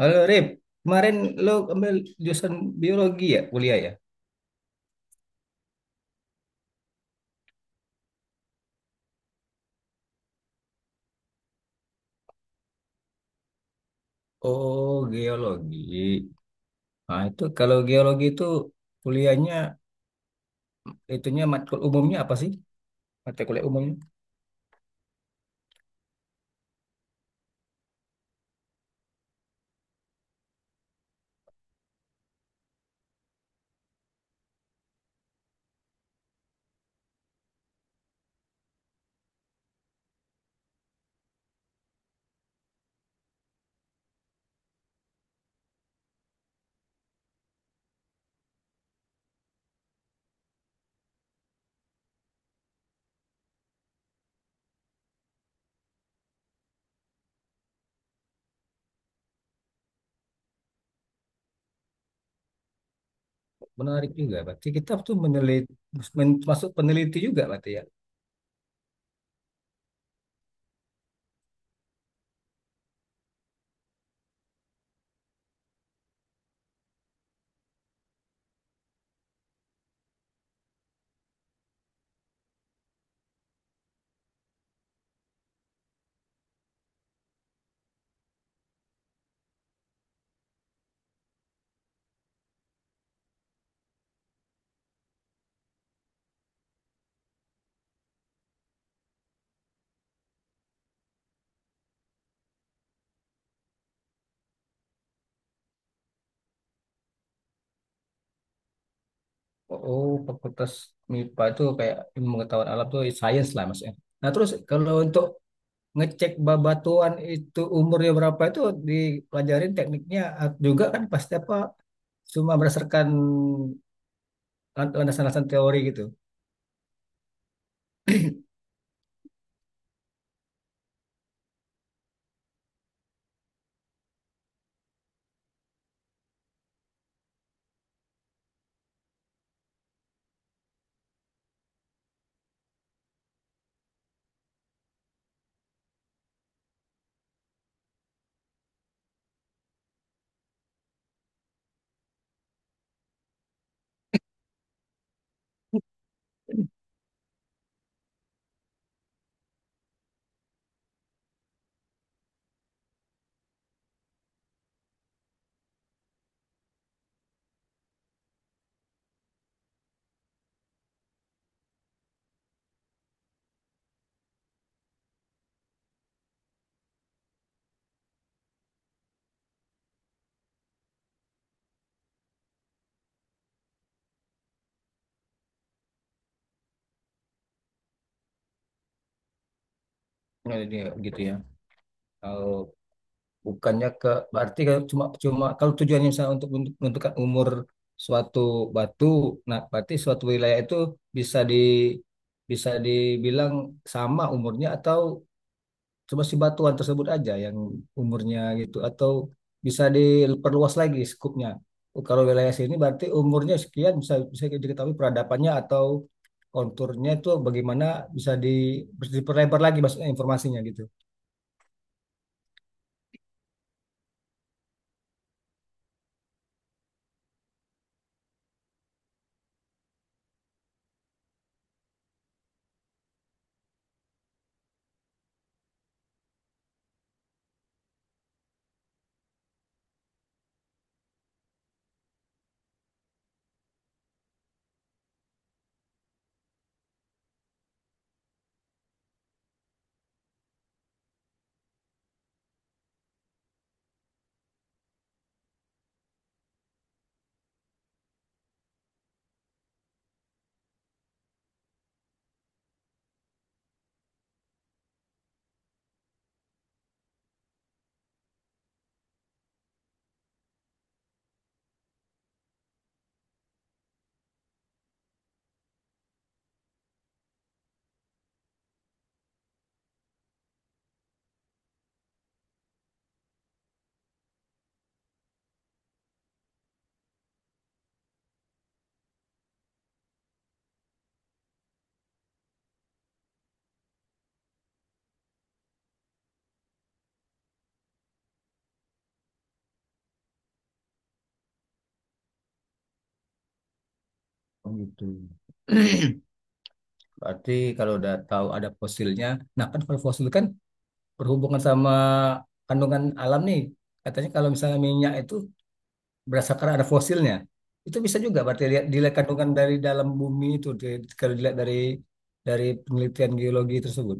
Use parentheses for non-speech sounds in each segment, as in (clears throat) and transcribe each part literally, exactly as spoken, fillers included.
Halo Rip, kemarin lo ambil jurusan biologi ya, kuliah ya? Oh, geologi. Nah, itu kalau geologi itu kuliahnya, itunya matkul umumnya apa sih? Mata kuliah umumnya. Menarik juga, berarti kita tuh meneliti, men- masuk peneliti juga berarti ya? Oh, fakultas M I P A itu kayak ilmu pengetahuan alam tuh science lah maksudnya. Nah, terus kalau untuk ngecek babatuan itu umurnya berapa itu dipelajarin tekniknya eh, juga kan pasti apa cuma berdasarkan landasan-landasan teori gitu. Nah, ini gitu ya. Kalau bukannya ke berarti kalau cuma cuma kalau tujuannya misalnya untuk untuk- menentukan umur suatu batu, nah berarti suatu wilayah itu bisa di bisa dibilang sama umurnya atau cuma si batuan tersebut aja yang umurnya gitu atau bisa diperluas lagi skupnya. Oh, kalau wilayah sini berarti umurnya sekian bisa bisa diketahui peradabannya atau konturnya itu bagaimana bisa di, diperlebar lagi maksudnya informasinya gitu. Oh, gitu. Berarti kalau udah tahu ada fosilnya, nah kan kalau fosil kan berhubungan sama kandungan alam nih. Katanya kalau misalnya minyak itu berdasarkan ada fosilnya. Itu bisa juga berarti lihat dilihat kandungan dari dalam bumi itu di- kalau dilihat dari dari penelitian geologi tersebut.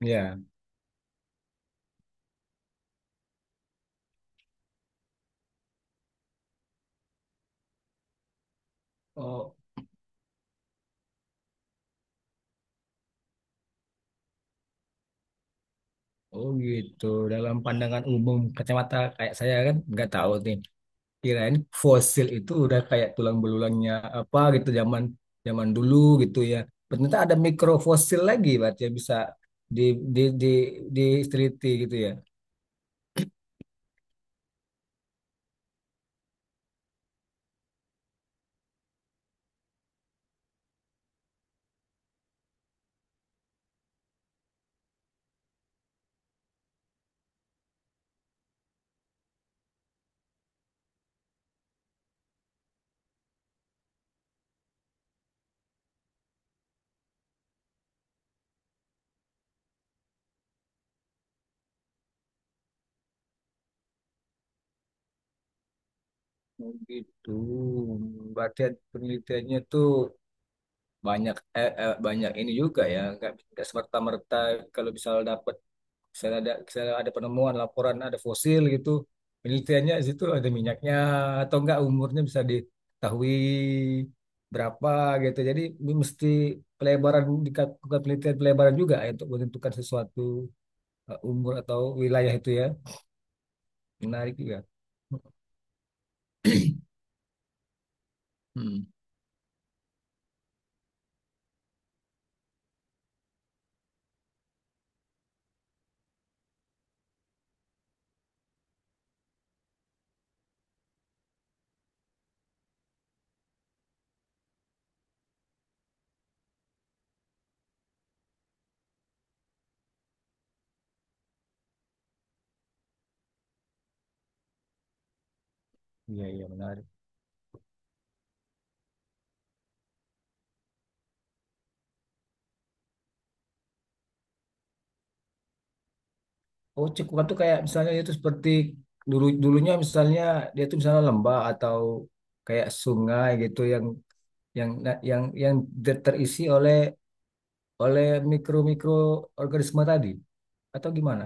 Ya. Oh, oh, gitu. Dalam pandangan umum kacamata kayak saya kan nggak tahu nih. Kirain fosil itu udah kayak tulang belulangnya apa gitu zaman zaman dulu gitu ya. Ternyata ada mikrofosil lagi berarti yang bisa di di di diteliti gitu ya. Oh, gitu. Berarti penelitiannya tuh banyak eh, eh, banyak ini juga ya nggak nggak semerta merta kalau misal dapat misalnya ada misalnya ada penemuan laporan ada fosil gitu penelitiannya di situ ada minyaknya atau enggak umurnya bisa diketahui berapa gitu jadi ini mesti pelebaran dilakukan penelitian pelebaran juga ya untuk menentukan sesuatu eh, umur atau wilayah itu ya menarik juga. Hmm. Iya, iya, menarik. Oh, cekuan tuh kayak misalnya itu seperti dulu dulunya misalnya dia tuh misalnya lembah atau kayak sungai gitu yang yang yang yang ter- terisi oleh oleh mikro-mikro organisme tadi atau gimana?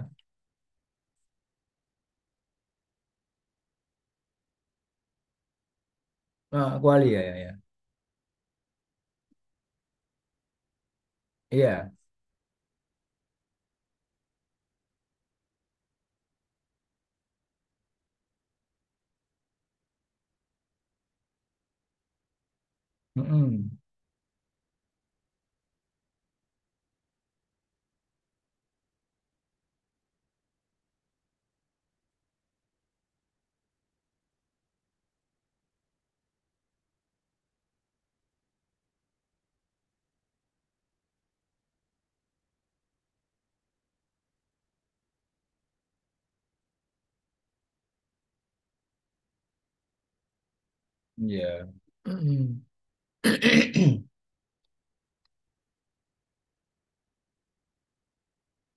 Nah, kuali ya, ya, ya. Iya. Mm-mm. Iya. Mm-mm. (clears throat)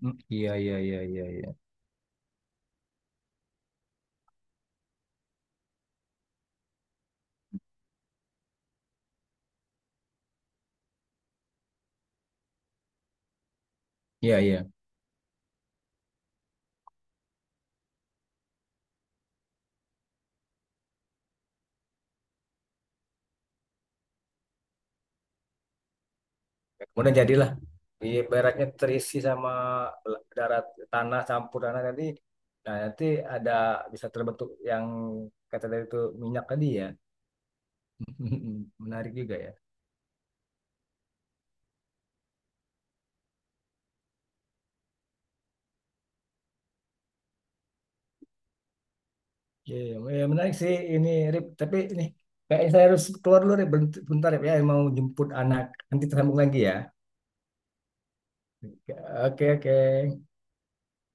Mm, iya, iya, iya, iya, iya. Iya, iya. Kemudian jadilah ibaratnya terisi sama darat tanah campur tanah tadi. Nah, nanti ada bisa terbentuk yang kata dari itu minyak tadi ya. (laughs) Menarik juga ya. Iya, iya. Ya, menarik sih ini Rip, tapi ini kayaknya saya harus keluar dulu Rip, Bent- bentar Rip ya, mau jemput anak. Nanti tersambung lagi ya. Oke, oke.